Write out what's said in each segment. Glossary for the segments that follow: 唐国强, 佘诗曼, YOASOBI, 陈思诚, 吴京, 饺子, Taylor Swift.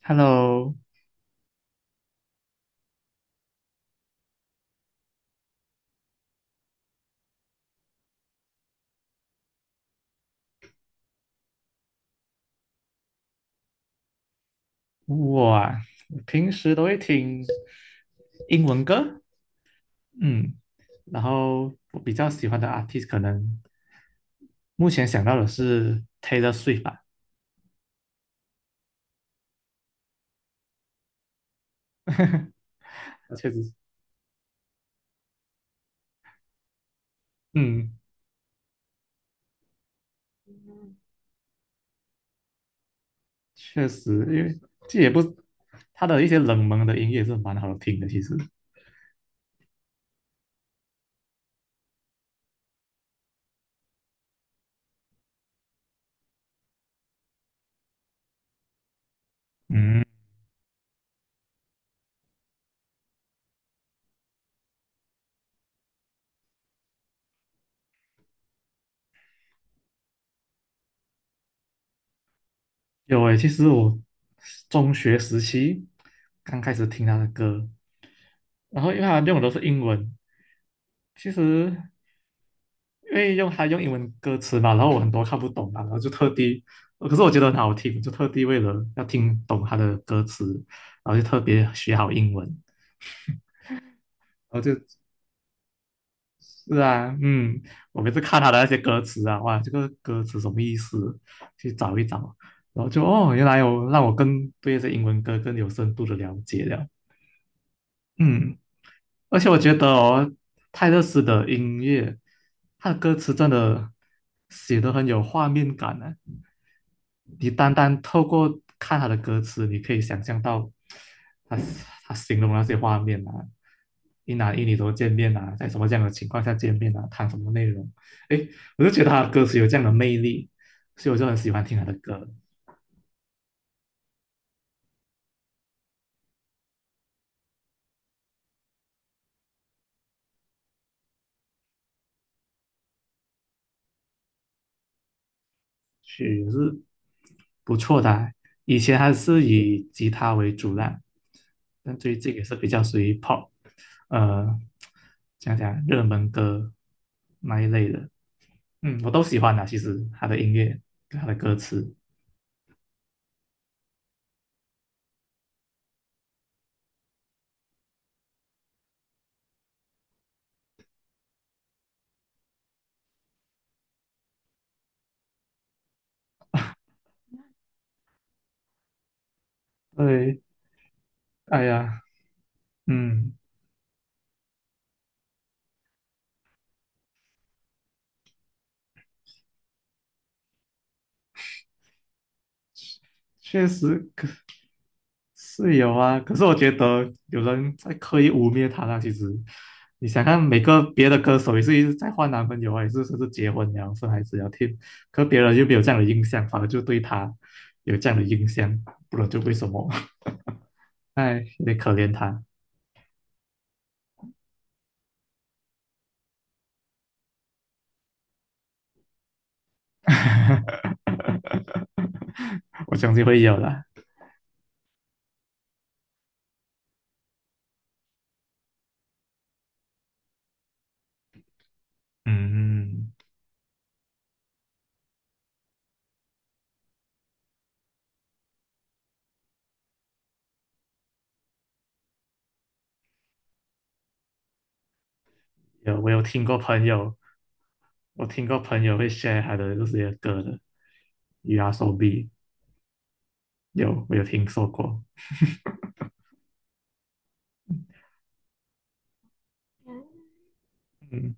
Hello，我啊我平时都会听英文歌，嗯，然后我比较喜欢的 artist 可能目前想到的是 Taylor Swift 吧，确实，嗯，确实，因为这也不，他的一些冷门的音乐是蛮好听的，其实，嗯，有诶，其实我中学时期刚开始听他的歌，然后因为他用的都是英文，其实因为他用英文歌词嘛，然后我很多看不懂嘛，然后就特地，可是我觉得很好听，就特地为了要听懂他的歌词，然后就特别学好英文，然后就，是啊，嗯，我每次看他的那些歌词啊，哇，这个歌词什么意思？去找一找，然后就哦，原来有让我更对这英文歌更有深度的了解了，嗯，而且我觉得哦，泰勒斯的音乐，他的歌词真的写的很有画面感呢、你单单透过看他的歌词，你可以想象到他他形容那些画面啊，一男一女都见面啊，在什么这样的情况下见面啊，谈什么内容？诶，我就觉得他的歌词有这样的魅力，所以我就很喜欢听他的歌曲，就是不错的啊以前还是以吉他为主啦，但最近也是比较属于 pop，呃，讲讲热门歌那一类的，嗯，我都喜欢的，其实他的音乐跟他的歌词，对，哎呀，嗯，确实，是有啊，可是我觉得有人在刻意污蔑他啦。其实，你想看每个别的歌手也是一直在换男朋友啊，也是甚至结婚了生孩子了听，可别人又没有这样的印象，反而就对他有这样的印象，不然就为什么？哎，有点可怜他。我相信会有的，嗯，有我有听过朋友，我听过朋友会 share 他的这些歌的 u So B，我有听说过，嗯。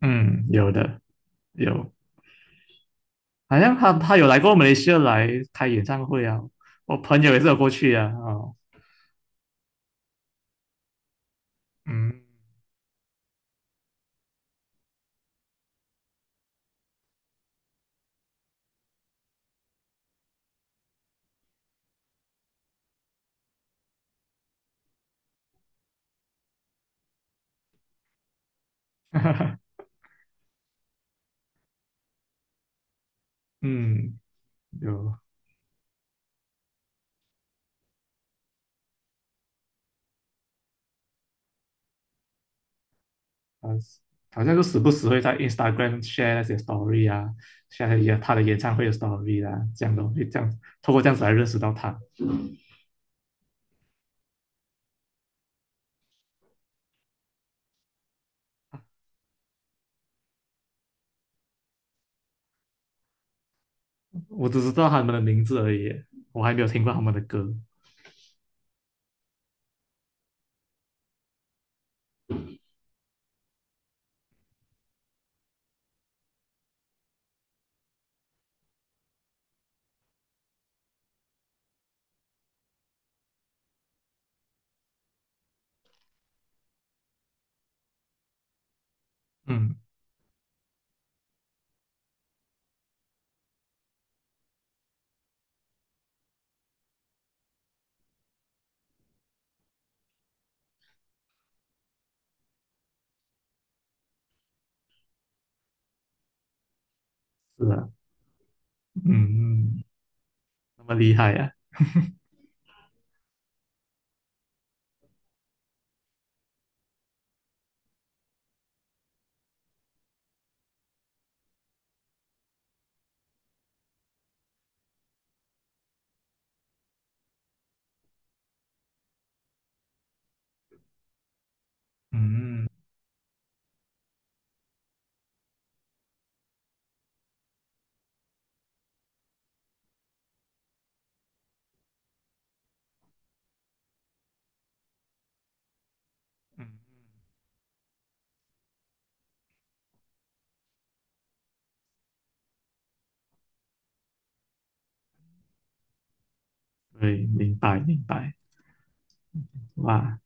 嗯，有的有，好像他有来过马来西亚来开演唱会啊，我朋友也是有过去啊，哦，嗯，嗯，有啊，好像就时不时会在 Instagram share 那些 story 啊，share 一下他的演唱会的 story 啊，这样的会这样透过这样子来认识到他，我只知道他们的名字而已，我还没有听过他们的歌，嗯，是啊，嗯嗯，那么厉害啊，嗯嗯，对，明白明白，哇。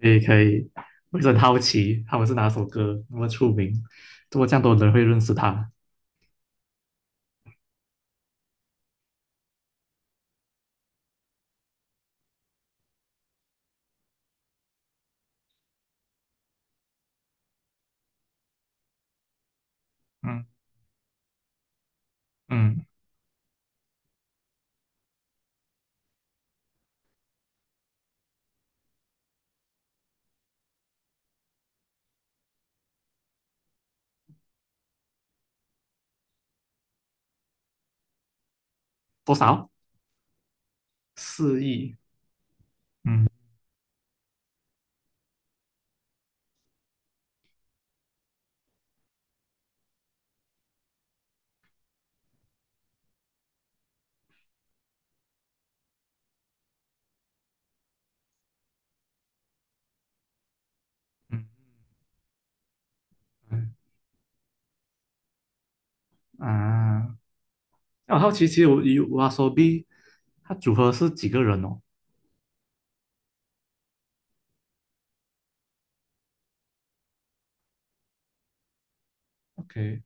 可以可以，我一直很好奇他们是哪首歌那么出名，怎么这样多人会认识他？嗯嗯，多少？4亿？嗯嗯嗯啊，那我好奇，其实我有 YOASOBI，它组合是几个人哦？OK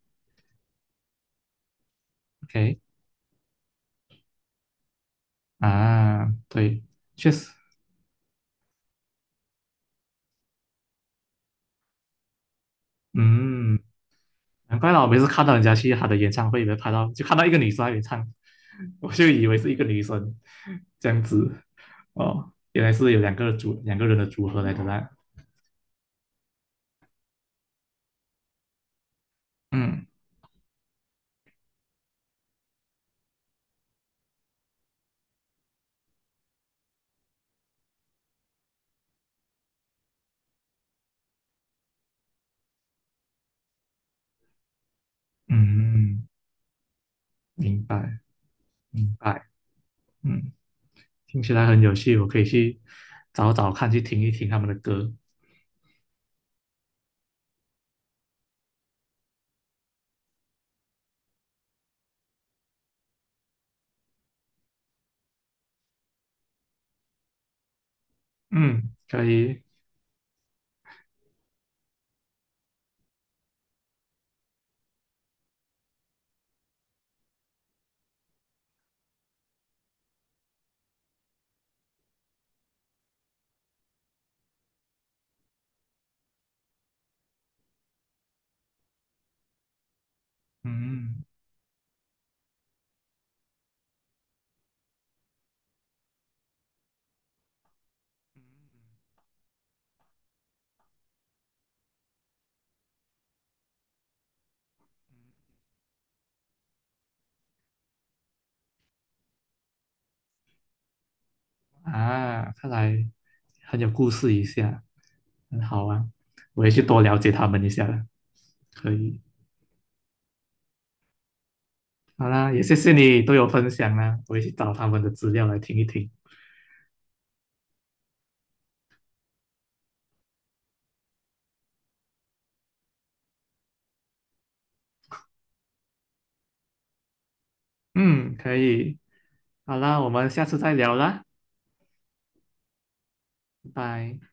OK 啊，对，确实，嗯，难怪啦，我每次看到人家去他的演唱会里面拍到，就看到一个女生在那里唱，我就以为是一个女生这样子，哦，原来是有两个人的组合来的啦。嗯嗯，明白明白，嗯，听起来很有趣，我可以去找找看，去听一听他们的歌。嗯，可以，嗯啊，看来很有故事一下，很好啊，我也去多了解他们一下了。可以，好啦，也谢谢你都有分享啦，我也去找他们的资料来听一听。嗯，可以，好啦，我们下次再聊啦，拜拜。